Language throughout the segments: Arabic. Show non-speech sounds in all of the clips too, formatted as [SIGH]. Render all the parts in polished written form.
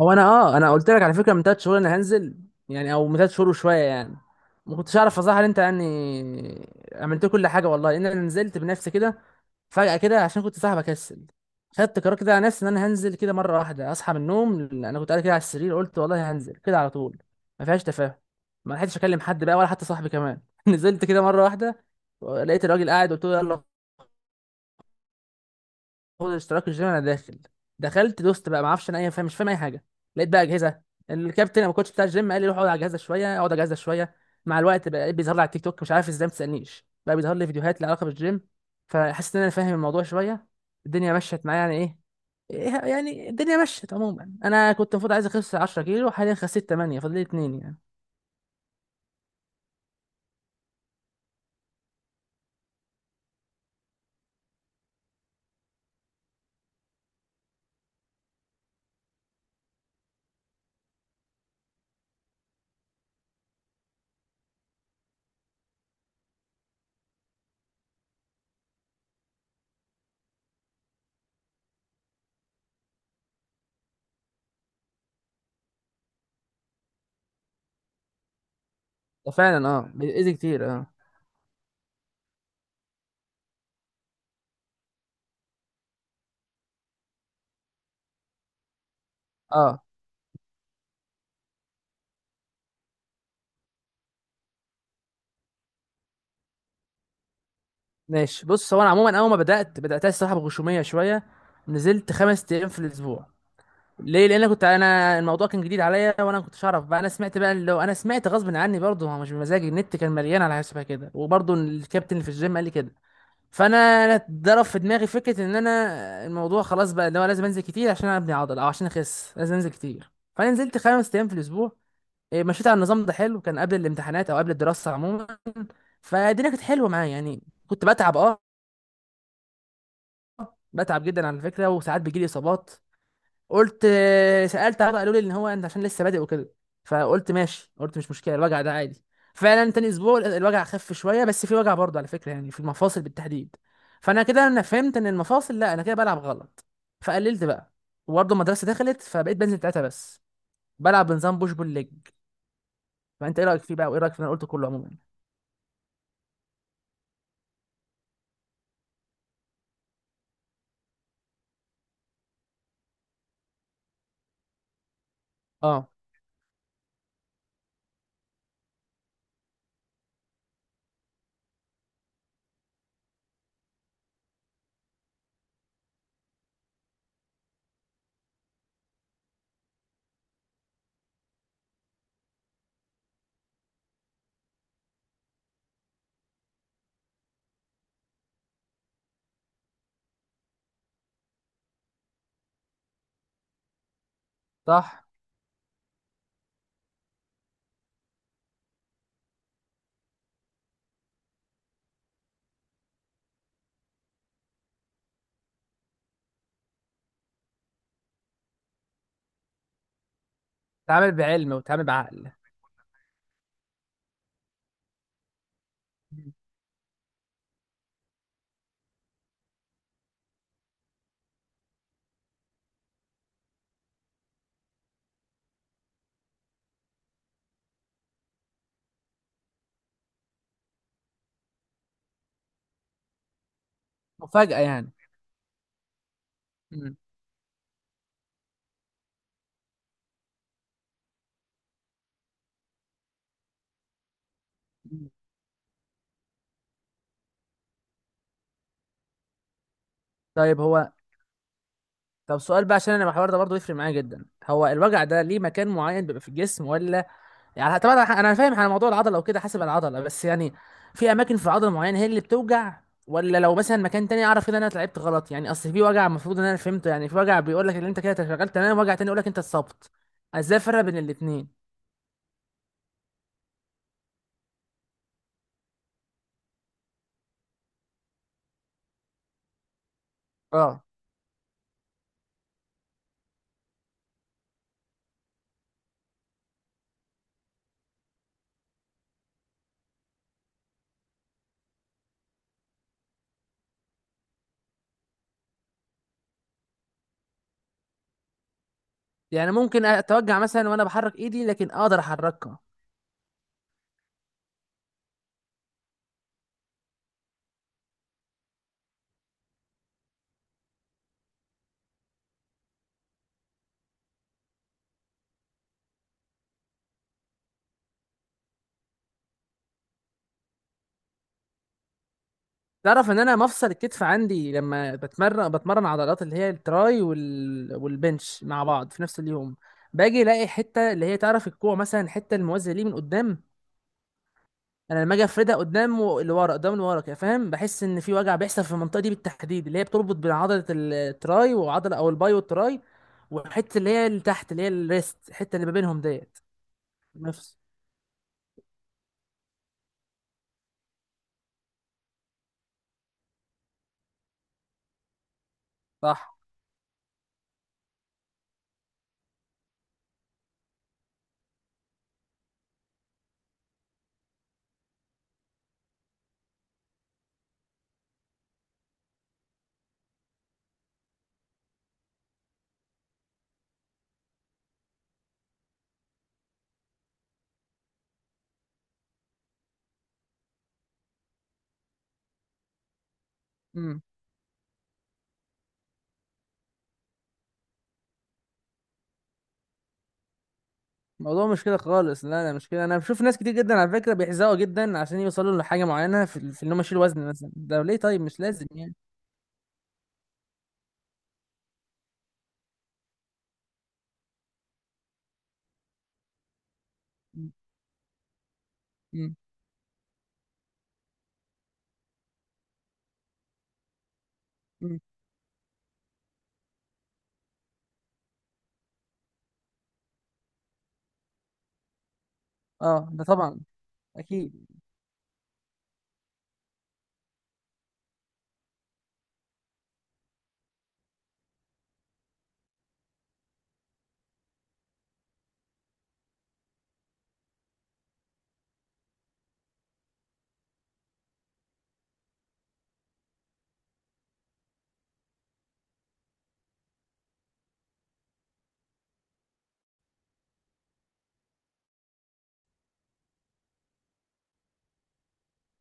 هو انا قلت لك على فكره من ثلاث شهور انا هنزل، يعني او من ثلاث شهور وشويه يعني. ما كنتش اعرف اظهر انت يعني. عملت كل حاجه والله، لان انا نزلت بنفسي كده فجاه كده عشان كنت صاحي بكسل. خدت قرار كده على نفسي ان انا هنزل كده مره واحده. اصحى من النوم انا كنت قاعد كده على السرير قلت والله هنزل كده على طول. ما فيهاش تفاهم. ما لحقتش اكلم حد بقى ولا حتى صاحبي كمان [LAUGHS] نزلت كده مره واحده. لقيت الراجل قاعد قلت له يلا، اخد الاشتراك الجيم انا داخل. دخلت دوست بقى ما اعرفش انا اي، فاهم مش فاهم اي حاجه. لقيت بقى اجهزه. الكابتن أو الكوتش بتاع الجيم قال لي روح اقعد على الجهازه شويه اقعد على الجهازه شويه. مع الوقت بقى بيظهر لي على التيك توك، مش عارف ازاي، ما تسالنيش بقى، بيظهر لي فيديوهات لها علاقه بالجيم. فحسيت ان انا فاهم الموضوع شويه. الدنيا مشيت معايا يعني ايه. إيه، يعني الدنيا مشيت عموما. انا كنت المفروض عايز اخس 10 كيلو، حاليا خسيت 8، فاضل لي 2 يعني. ده فعلا بيأذي كتير. اه اه. ماشي بص، هو انا عموما اول ما بدات الصراحه بغشوميه شويه. نزلت خمس ايام في الاسبوع. ليه؟ لان انا كنت انا الموضوع كان جديد عليا وانا ما كنتش اعرف بقى. انا سمعت بقى، اللي هو انا سمعت غصب عني برضه، هو مش بمزاجي، النت كان مليان على حسابها كده، وبرضه الكابتن اللي في الجيم قال لي كده. فانا ضرب في دماغي فكره ان انا الموضوع خلاص بقى اللي هو لازم انزل كتير عشان ابني عضل او عشان اخس، لازم انزل كتير، فانا نزلت خمس ايام في الاسبوع. إيه، مشيت على النظام ده، حلو، كان قبل الامتحانات او قبل الدراسه عموما. فالدنيا كانت حلوه معايا يعني، كنت بتعب بتعب جدا على فكره. وساعات بيجي لي اصابات. قلت سألت، عرض قالوا لي ان هو انت عشان لسه بادئ وكده. فقلت ماشي، قلت مش مشكلة الوجع ده عادي. فعلا تاني اسبوع الوجع خف شوية، بس في وجع برضه على فكرة يعني، في المفاصل بالتحديد. فانا كده انا فهمت ان المفاصل، لا انا كده بلعب غلط. فقللت بقى، وبرضه المدرسة دخلت، فبقيت بنزل تلاتة بس. بلعب بنظام بوش بول ليج. فانت ايه رأيك فيه بقى وايه رأيك في اللي انا قلته كله عموما؟ اه. صح. تعامل بعلم وتعامل بعقل. مم. مفاجأة يعني. مم. مم. طيب، هو سؤال بقى عشان انا الحوار ده برضه يفرق معايا جدا. هو الوجع ده ليه مكان معين بيبقى في الجسم، ولا يعني طبعا، أنا فاهم على موضوع العضله وكده حسب العضله بس يعني، في اماكن في العضله معينه هي اللي بتوجع؟ ولا لو مثلا مكان تاني اعرف كده إن انا لعبت غلط يعني، اصل في وجع المفروض ان انا فهمته يعني، في وجع بيقول لك ان انت كده اتشغلت تمام، وجع تاني يقول لك انت اتصبت. ازاي افرق بين الاثنين؟ اه. يعني ممكن اتوجع مثلا وانا بحرك ايدي لكن اقدر احركها. تعرف ان انا مفصل الكتف عندي لما بتمرن بتمرن عضلات اللي هي التراي والبنش مع بعض في نفس اليوم. باجي الاقي حته اللي هي تعرف الكوع مثلا، الحته الموازيه ليه من قدام. انا لما اجي افردها قدام ولورا قدام لورا كده فاهم، بحس ان في وجع بيحصل في المنطقه دي بالتحديد اللي هي بتربط بين عضله التراي وعضله، او الباي والتراي، والحته اللي هي اللي تحت اللي هي الريست، الحته اللي ما بينهم ديت. نفس. صح. مم. الموضوع مش كده خالص. لا لا، مش كده. انا بشوف ناس كتير جدا على فكره بيحزقوا جدا عشان يوصلوا لحاجه معينه في ان هم يشيلوا وزن مثلا، ده ليه؟ طيب مش لازم يعني. م- م- م. اه، ده طبعا، اكيد.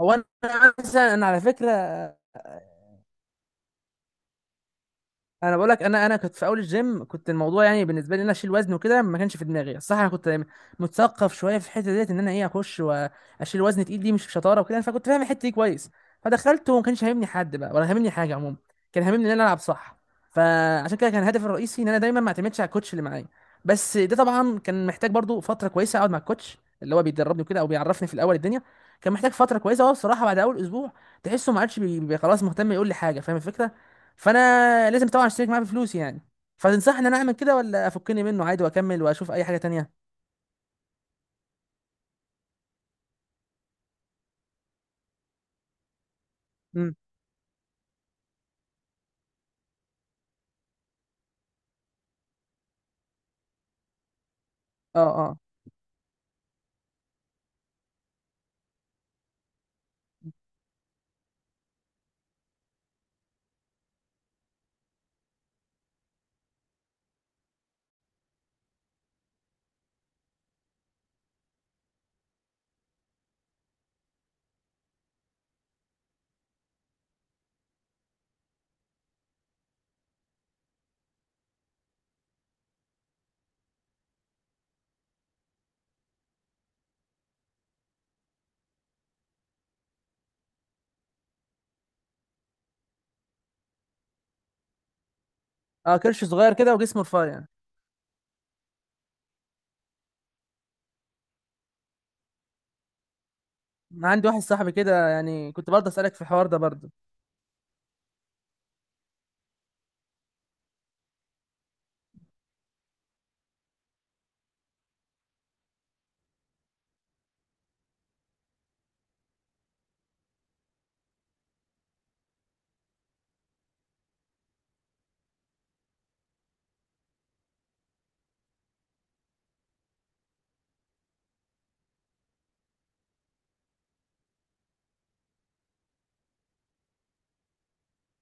هو انا مثلا، انا على فكره، انا بقول لك، انا كنت في اول الجيم، كنت الموضوع يعني بالنسبه لي ان انا اشيل وزن وكده ما كانش في دماغي صح. انا كنت متثقف شويه في الحته ديت ان انا ايه اخش واشيل وزن تقيل، دي مش شطاره وكده، فكنت فاهم الحته دي كويس. فدخلت وما كانش هاممني حد بقى ولا هاممني حاجه عموما، كان هاممني ان انا العب صح. فعشان كده كان هدفي الرئيسي ان انا دايما ما اعتمدش على الكوتش اللي معايا. بس ده طبعا كان محتاج برضو فتره كويسه اقعد مع الكوتش اللي هو بيدربني وكده او بيعرفني في الاول الدنيا. كان محتاج فتره كويسه. هو بصراحه بعد اول اسبوع تحسه ما عادش خلاص مهتم يقول لي حاجه، فاهم الفكره؟ فانا لازم طبعا اشترك معاه بفلوس يعني. فتنصحني ان انا اعمل كده ولا افكني منه عادي واكمل واشوف اي حاجه تانية؟ مم. اه اه. اه. كرش صغير كده وجسمه رفيع يعني. أنا عندي واحد صاحبي كده يعني، كنت برضه اسالك في الحوار ده برضه.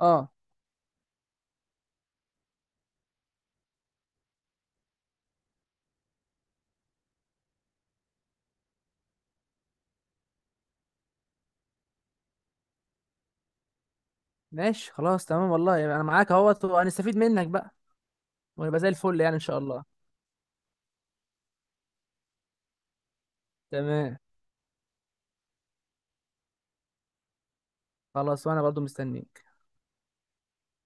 اه. ماشي خلاص تمام والله، يعني انا معاك اهوت وهنستفيد منك بقى. ونبقى زي الفل يعني ان شاء الله. تمام. خلاص وانا برضه مستنيك.